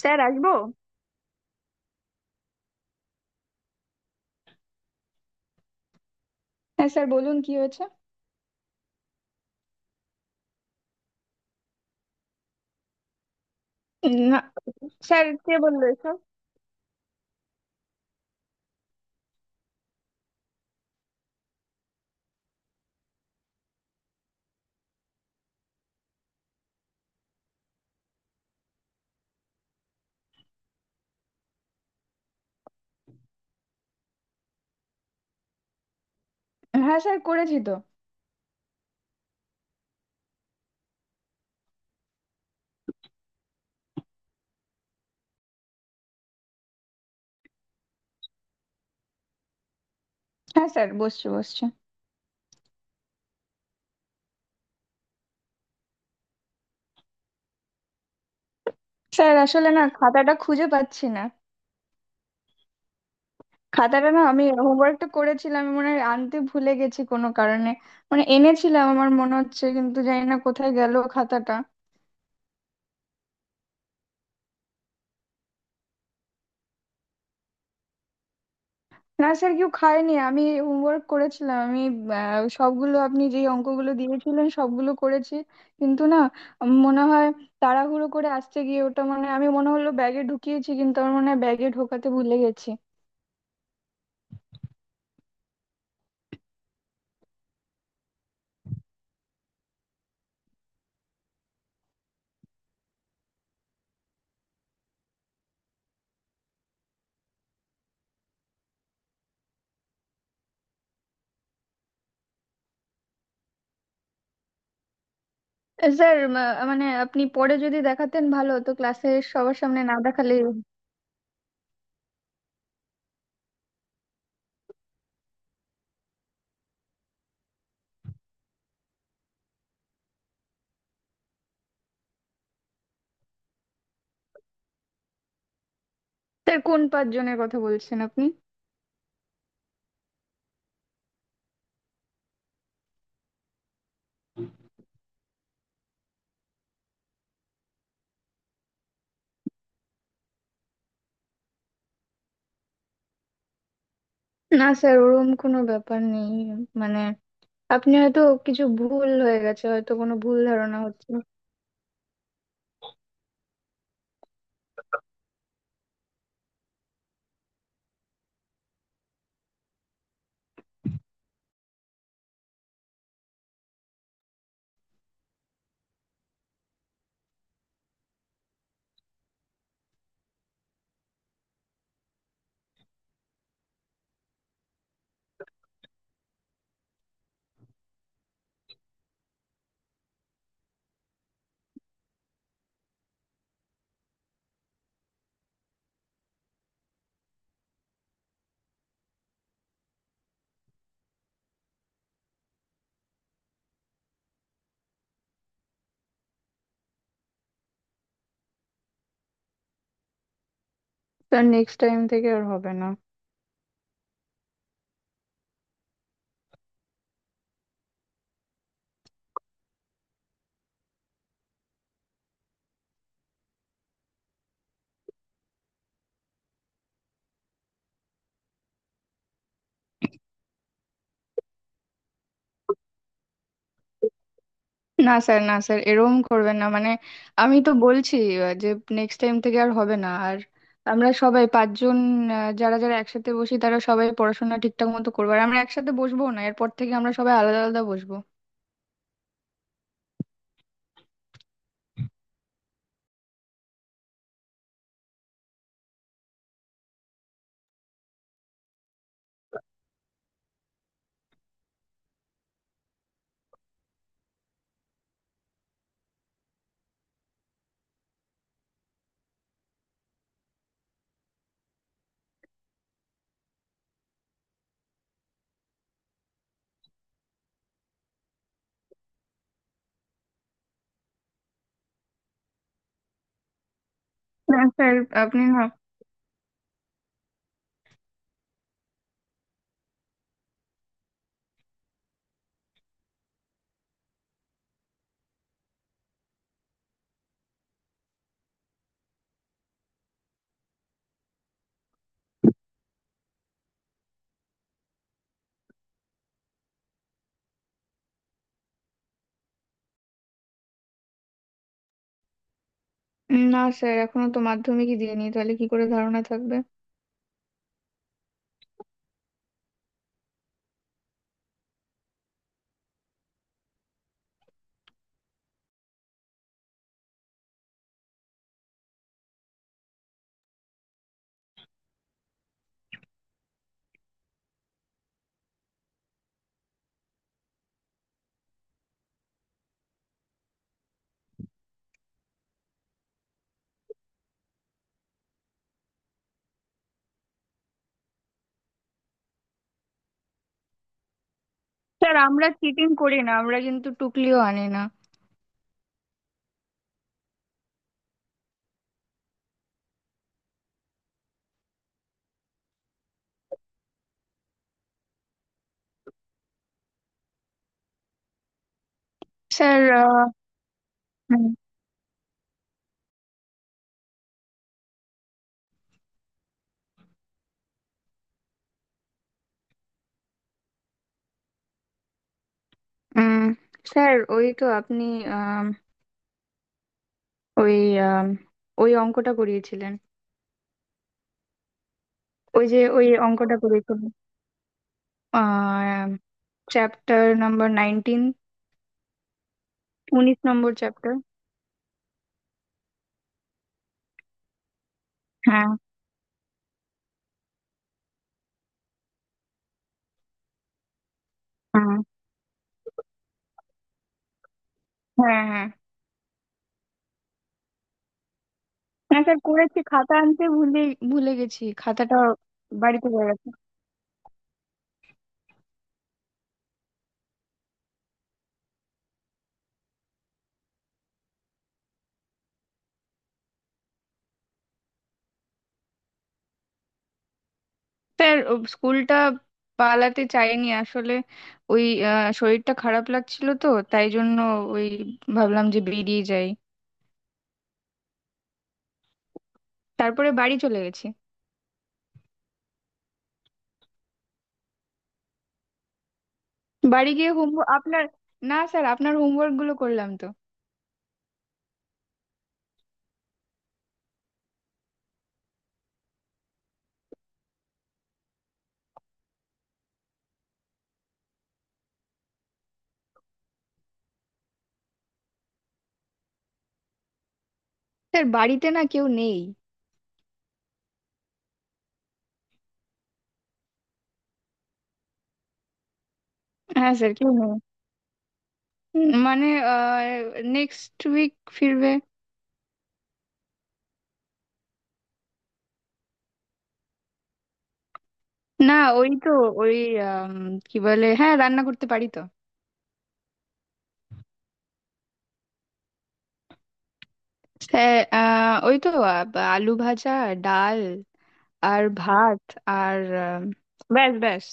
Sir, আসবো? হ্যাঁ sir, বলুন কি হয়েছে? না স্যার, কে বললো এসব? হ্যাঁ স্যার, করেছি তো। হ্যাঁ স্যার, বসছে বসছে। স্যার আসলে না, খাতাটা খুঁজে পাচ্ছি না। খাতাটা না, আমি হোমওয়ার্কটা করেছিলাম, আমি মনে হয় আনতে ভুলে গেছি কোনো কারণে। মানে এনেছিলাম আমার মনে হচ্ছে, কিন্তু জানি না কোথায় গেল খাতাটা। না স্যার, কেউ খায়নি, আমি হোমওয়ার্ক করেছিলাম আমি। সবগুলো আপনি যে অঙ্কগুলো দিয়েছিলেন সবগুলো করেছি। কিন্তু না, মনে হয় তাড়াহুড়ো করে আসতে গিয়ে ওটা মানে আমি মনে হলো ব্যাগে ঢুকিয়েছি, কিন্তু আমার মনে হয় ব্যাগে ঢোকাতে ভুলে গেছি। স্যার, মানে আপনি পরে যদি দেখাতেন ভালো হতো ক্লাসে, সবার সামনে না দেখালে। স্যার, কোন পাঁচজনের কথা বলছেন আপনি? না স্যার, ওরকম কোনো ব্যাপার নেই, মানে আপনি হয়তো, কিছু ভুল হয়ে গেছে হয়তো, কোনো ভুল ধারণা হচ্ছে। স্যার, নেক্সট টাইম থেকে আর হবে না। না স্যার, না স্যার, এরকম করবেন না, মানে আমি তো বলছি, যে নেক্সট টাইম থেকে আর হবে না, আর আমরা সবাই পাঁচজন, যারা যারা একসাথে বসি তারা সবাই পড়াশোনা ঠিকঠাক মতো করবো, আর আমরা একসাথে বসবো না, এরপর থেকে আমরা সবাই আলাদা আলাদা বসবো। না স্যার, আপনি না। না স্যার, এখনো তো মাধ্যমিকই দিইনি, তাহলে কি করে ধারণা থাকবে? স্যার, আমরা চিটিং করি না, আমরা কিন্তু টুকলিও আনি না। স্যার, হুম, উম, স্যার ওই তো আপনি, আম, ওই, আম, ওই অঙ্কটা করিয়েছিলেন। ওই যে ওই অঙ্কটা করেছিল। আহ চ্যাপ্টার নাম্বার 19, 19 নম্বর চ্যাপ্টার। হ্যাঁ। হ্যাঁ। হ্যাঁ, হ্যাঁ। না স্যার, করেছি, খাতা আনতে ভুলে ভুলে গেছি খাতাটা, বাড়িতে পড়ে গেছে। স্যার, ও স্কুলটা পালাতে চাইনি আসলে, ওই শরীরটা খারাপ লাগছিল তো তাই জন্য, ওই ভাবলাম যে বেরিয়ে যাই। তারপরে বাড়ি চলে গেছি। বাড়ি গিয়ে হোমওয়ার্ক আপনার না স্যার, আপনার হোমওয়ার্ক গুলো করলাম তো। স্যার, বাড়িতে না, কেউ নেই। হ্যাঁ স্যার, কেউ নেই, মানে নেক্সট উইক ফিরবে। না, ওই তো ওই আম, কি বলে, হ্যাঁ, রান্না করতে পারি তো। হ্যাঁ, আহ, ওই তো আ- আলু ভাজা, ডাল, আর ভাত, আর আম, ব্যাস, ব্যাস।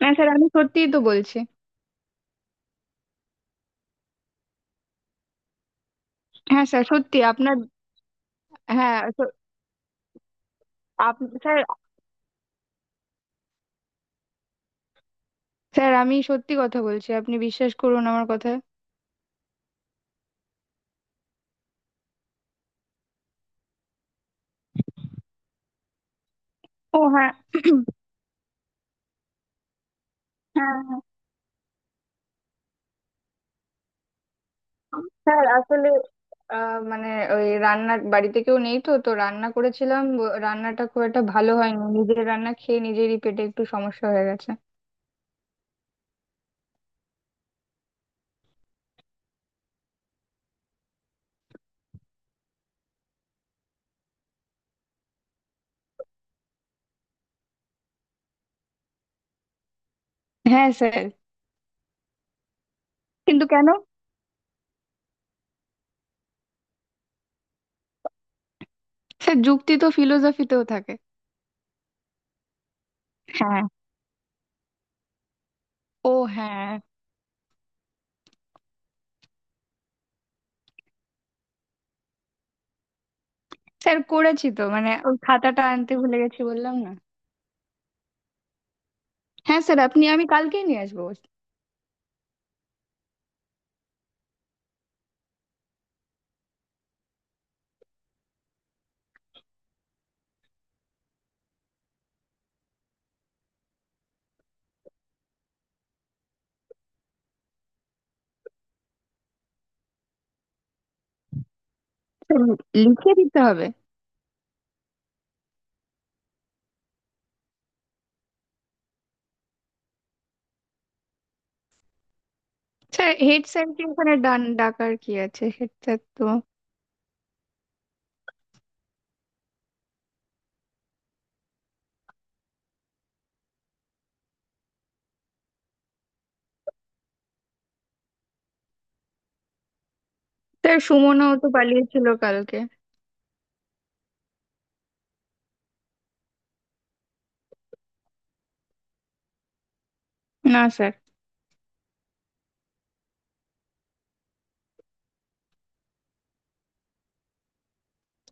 হ্যাঁ স্যার, আমি সত্যিই তো বলছি। হ্যাঁ স্যার, সত্যি আপনার। হ্যাঁ, স্যার, স্যার আমি সত্যি কথা বলছি, আপনি বিশ্বাস করুন আমার কথা। ও হ্যাঁ। হ্যাঁ স্যার, আসলে মানে ওই, রান্না বাড়িতে কেউ নেই তো তো রান্না করেছিলাম, রান্নাটা খুব একটা ভালো হয়নি, নিজের রান্না খেয়ে নিজেরই পেটে একটু সমস্যা হয়ে গেছে। হ্যাঁ স্যার। কিন্তু কেন? স্যার, যুক্তি তো ফিলোসফিতেও থাকে। হ্যাঁ। ও হ্যাঁ। স্যার, করেছি তো, মানে ওই খাতাটা আনতে ভুলে গেছি বললাম না। হ্যাঁ স্যার, আপনি, আমি কালকেই নিয়ে আসবো। স্যার, লিখে দিতে হবে? স্যার, হেড স্যারকে ওখানে ডাকার কি আছে, হেড স্যার তো। স্যার, সুমনও তো পালিয়েছিল কালকে। না স্যার।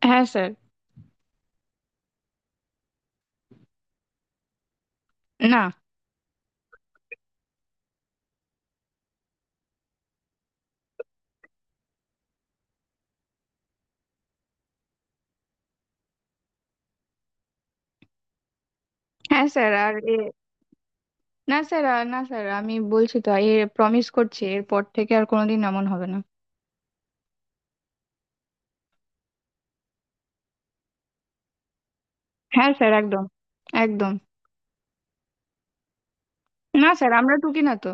হ্যাঁ স্যার। না। হ্যাঁ স্যার, আর এ, না স্যার, আর না স্যার, আমি বলছি তো, এ প্রমিস করছি এরপর থেকে আর কোনোদিন এমন হবে না। হ্যাঁ স্যার, একদম। একদম। না স্যার, আমরা টুকি না তো।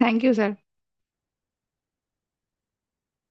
Thank you sir.